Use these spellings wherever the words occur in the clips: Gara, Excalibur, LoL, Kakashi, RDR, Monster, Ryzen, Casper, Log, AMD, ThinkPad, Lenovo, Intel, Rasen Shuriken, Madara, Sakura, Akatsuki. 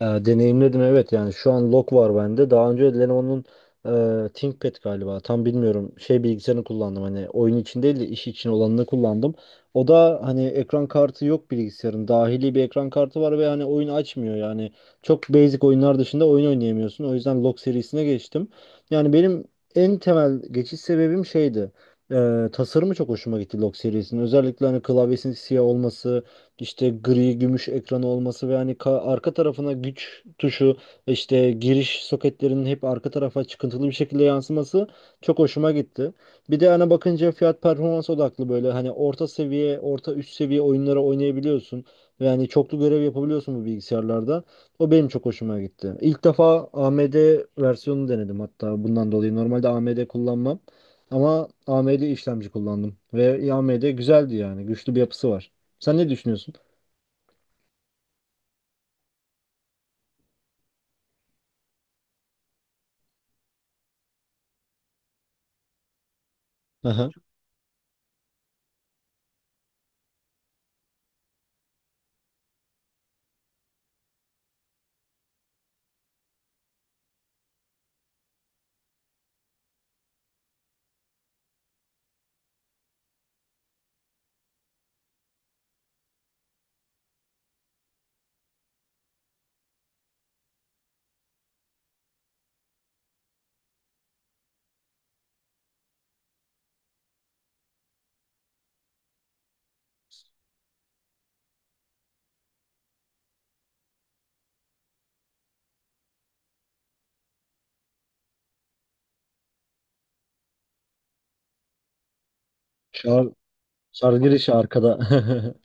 Deneyimledim, evet. Yani şu an Log var bende. Daha önce Lenovo'nun ThinkPad galiba, tam bilmiyorum, şey bilgisayarını kullandım, hani oyun için değil de iş için olanını kullandım. O da hani ekran kartı yok, bilgisayarın dahili bir ekran kartı var ve hani oyun açmıyor yani çok basic oyunlar dışında oyun oynayamıyorsun. O yüzden Log serisine geçtim. Yani benim en temel geçiş sebebim şeydi. Tasarımı çok hoşuma gitti Log serisinin. Özellikle hani klavyesinin siyah olması, işte gri gümüş ekranı olması ve hani arka tarafına güç tuşu, işte giriş soketlerinin hep arka tarafa çıkıntılı bir şekilde yansıması çok hoşuma gitti. Bir de ana bakınca fiyat performans odaklı, böyle hani orta seviye, orta üst seviye oyunlara oynayabiliyorsun. Ve hani çoklu görev yapabiliyorsun bu bilgisayarlarda. O benim çok hoşuma gitti. İlk defa AMD versiyonunu denedim hatta bundan dolayı. Normalde AMD kullanmam ama AMD işlemci kullandım ve AMD güzeldi, yani güçlü bir yapısı var. Sen ne düşünüyorsun? Aha. Şar, şarj girişi arkada.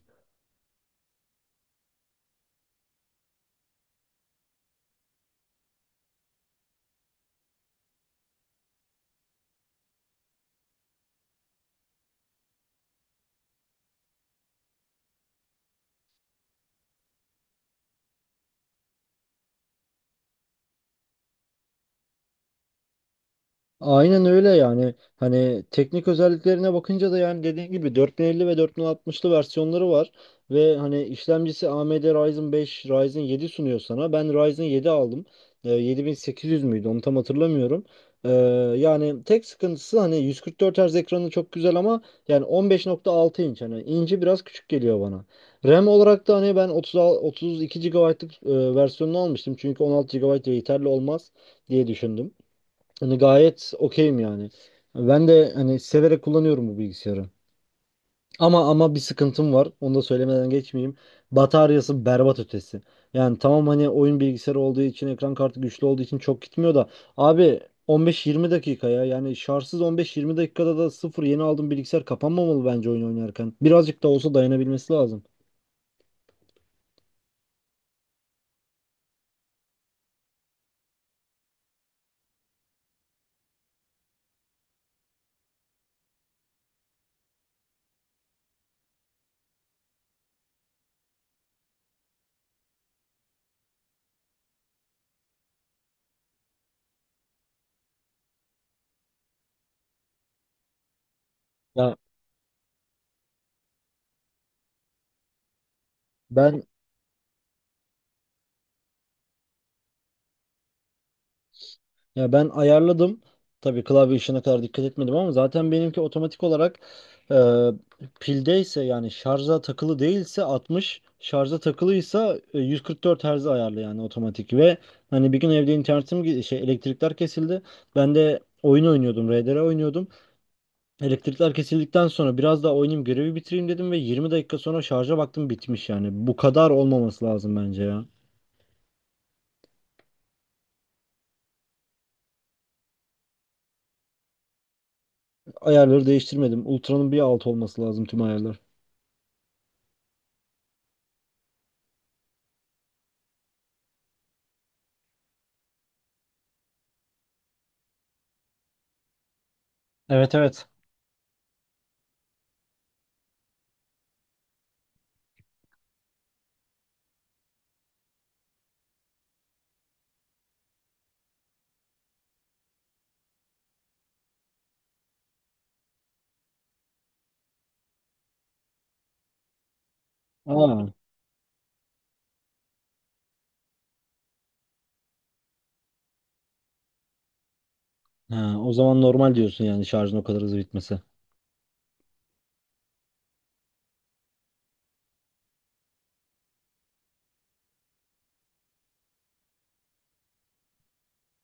Aynen öyle yani. Hani teknik özelliklerine bakınca da, yani dediğim gibi, 4050 ve 4060'lı versiyonları var. Ve hani işlemcisi AMD Ryzen 5, Ryzen 7 sunuyor sana. Ben Ryzen 7 aldım. 7800 müydü, onu tam hatırlamıyorum. Ee, yani tek sıkıntısı, hani 144 Hz ekranı çok güzel ama yani 15.6 inç, hani inci biraz küçük geliyor bana. RAM olarak da hani ben 32 GB'lık versiyonunu almıştım. Çünkü 16 gigabayt yeterli olmaz diye düşündüm. Hani gayet okeyim yani. Ben de hani severek kullanıyorum bu bilgisayarı. Ama bir sıkıntım var. Onu da söylemeden geçmeyeyim. Bataryası berbat ötesi. Yani tamam, hani oyun bilgisayarı olduğu için, ekran kartı güçlü olduğu için çok gitmiyor da abi, 15-20 dakika ya. Yani şarjsız 15-20 dakikada da sıfır, yeni aldığım bilgisayar kapanmamalı bence oyun oynarken. Birazcık da olsa dayanabilmesi lazım. Ya ben Ya ben ayarladım. Tabii klavye işine kadar dikkat etmedim ama zaten benimki otomatik olarak, e, pildeyse yani şarja takılı değilse 60, şarja takılıysa 144 Hz ayarlı, yani otomatik. Ve hani bir gün evde internetim şey, elektrikler kesildi. Ben de oyun oynuyordum, RDR oynuyordum. Elektrikler kesildikten sonra biraz daha oynayayım, görevi bitireyim dedim ve 20 dakika sonra şarja baktım, bitmiş yani. Bu kadar olmaması lazım bence ya. Ayarları değiştirmedim. Ultra'nın bir altı olması lazım tüm ayarlar. Evet, evet. Aa, ha, o zaman normal diyorsun yani şarjın o kadar hızlı bitmesi.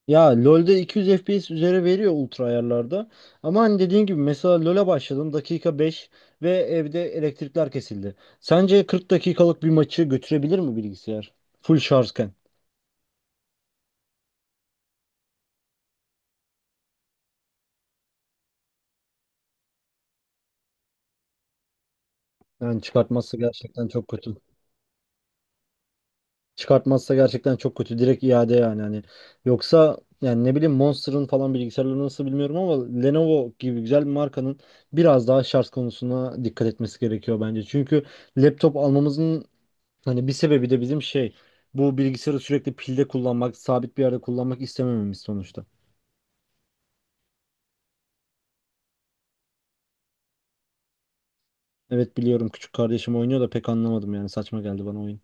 Ya LoL'de 200 FPS üzere veriyor ultra ayarlarda. Ama hani dediğin gibi, mesela LoL'e başladım dakika 5 ve evde elektrikler kesildi. Sence 40 dakikalık bir maçı götürebilir mi bilgisayar? Full şarjken. Yani çıkartması gerçekten çok kötü. Çıkartmazsa gerçekten çok kötü. Direkt iade yani hani. Yoksa yani, ne bileyim, Monster'ın falan bilgisayarları nasıl bilmiyorum ama Lenovo gibi güzel bir markanın biraz daha şarj konusuna dikkat etmesi gerekiyor bence. Çünkü laptop almamızın hani bir sebebi de bizim şey, bu bilgisayarı sürekli pilde kullanmak, sabit bir yerde kullanmak istemememiz sonuçta. Evet, biliyorum, küçük kardeşim oynuyor da pek anlamadım yani, saçma geldi bana oyun.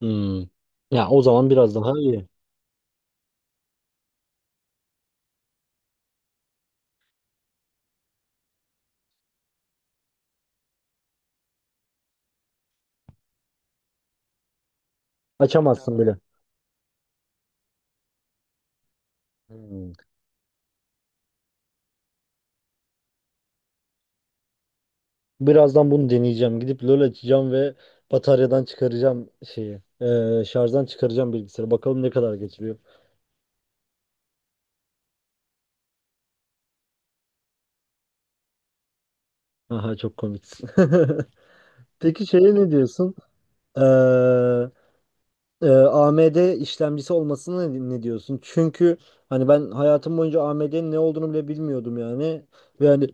Hmm. Ya, o zaman biraz daha iyi. Açamazsın bile. Hmm. Birazdan bunu deneyeceğim. Gidip LoL açacağım ve bataryadan çıkaracağım şeyi. Şarjdan çıkaracağım bilgisayarı. Bakalım ne kadar geçiriyor. Aha, çok komiksin. Peki şeye ne diyorsun? Ee, AMD işlemcisi olmasına ne diyorsun? Çünkü hani ben hayatım boyunca AMD'nin ne olduğunu bile bilmiyordum yani. Ve hani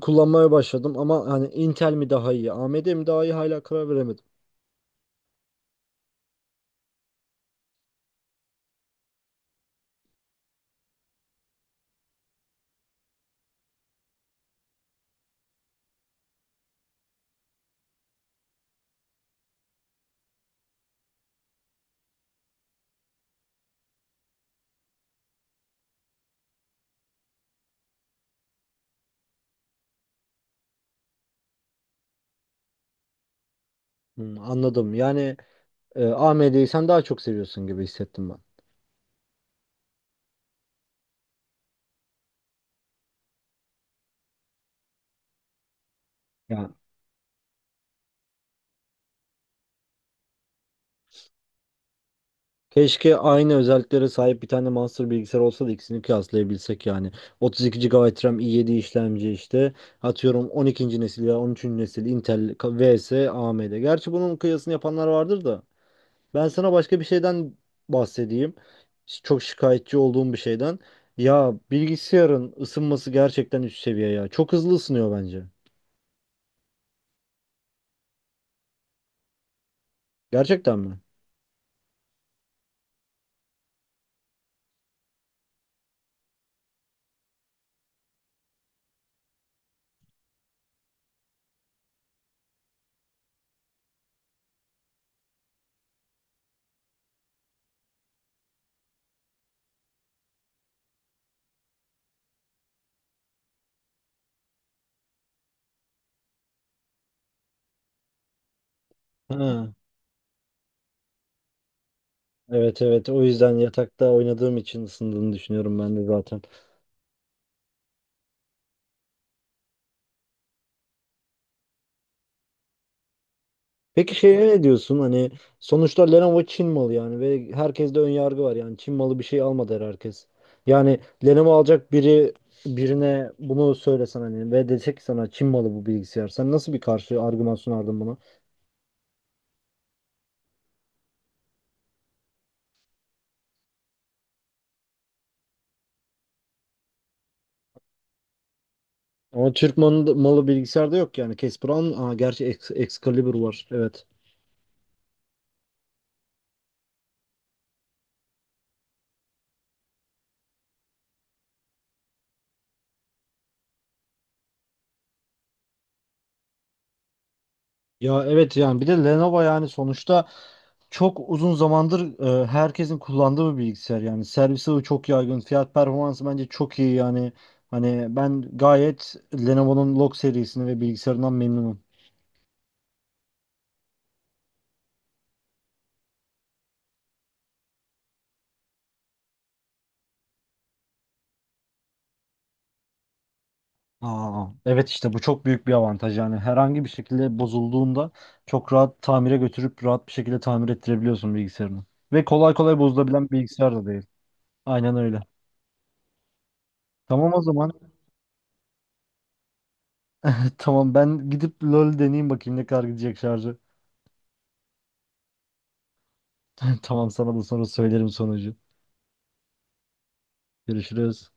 kullanmaya başladım ama hani Intel mi daha iyi, AMD mi daha iyi hala karar veremedim. Hmm, anladım. Yani AMD'yi sen daha çok seviyorsun gibi hissettim ben. Ya, keşke aynı özelliklere sahip bir tane master bilgisayar olsa da ikisini kıyaslayabilsek yani. 32 GB RAM, i7 işlemci işte. Atıyorum 12. nesil ya 13. nesil Intel vs AMD. Gerçi bunun kıyasını yapanlar vardır da. Ben sana başka bir şeyden bahsedeyim. Çok şikayetçi olduğum bir şeyden. Ya, bilgisayarın ısınması gerçekten üst seviye ya. Çok hızlı ısınıyor bence. Gerçekten mi? Ha, evet, evet, o yüzden yatakta oynadığım için ısındığını düşünüyorum ben de zaten. Peki şeye ne diyorsun? Hani sonuçta Lenovo Çin malı yani ve herkeste ön yargı var yani Çin malı bir şey almadı herkes. Yani Lenovo alacak birine bunu söylesen hani, ve desek ki sana Çin malı bu bilgisayar. Sen nasıl bir karşı argüman sunardın buna? Ama Türk malı bilgisayarda yok yani. Casper'ın, aa, gerçi Ex- Excalibur var. Evet. Ya evet, yani bir de Lenovo, yani sonuçta çok uzun zamandır herkesin kullandığı bir bilgisayar yani, servisi de çok yaygın, fiyat performansı bence çok iyi yani. Hani ben gayet Lenovo'nun Log serisini ve bilgisayarından memnunum. Aa, evet, işte bu çok büyük bir avantaj yani, herhangi bir şekilde bozulduğunda çok rahat tamire götürüp rahat bir şekilde tamir ettirebiliyorsun bilgisayarını. Ve kolay kolay bozulabilen bir bilgisayar da değil. Aynen öyle. Tamam, o zaman. Tamam, ben gidip LoL deneyeyim, bakayım ne kadar gidecek şarjı. Tamam, sana da sonra söylerim sonucu. Görüşürüz.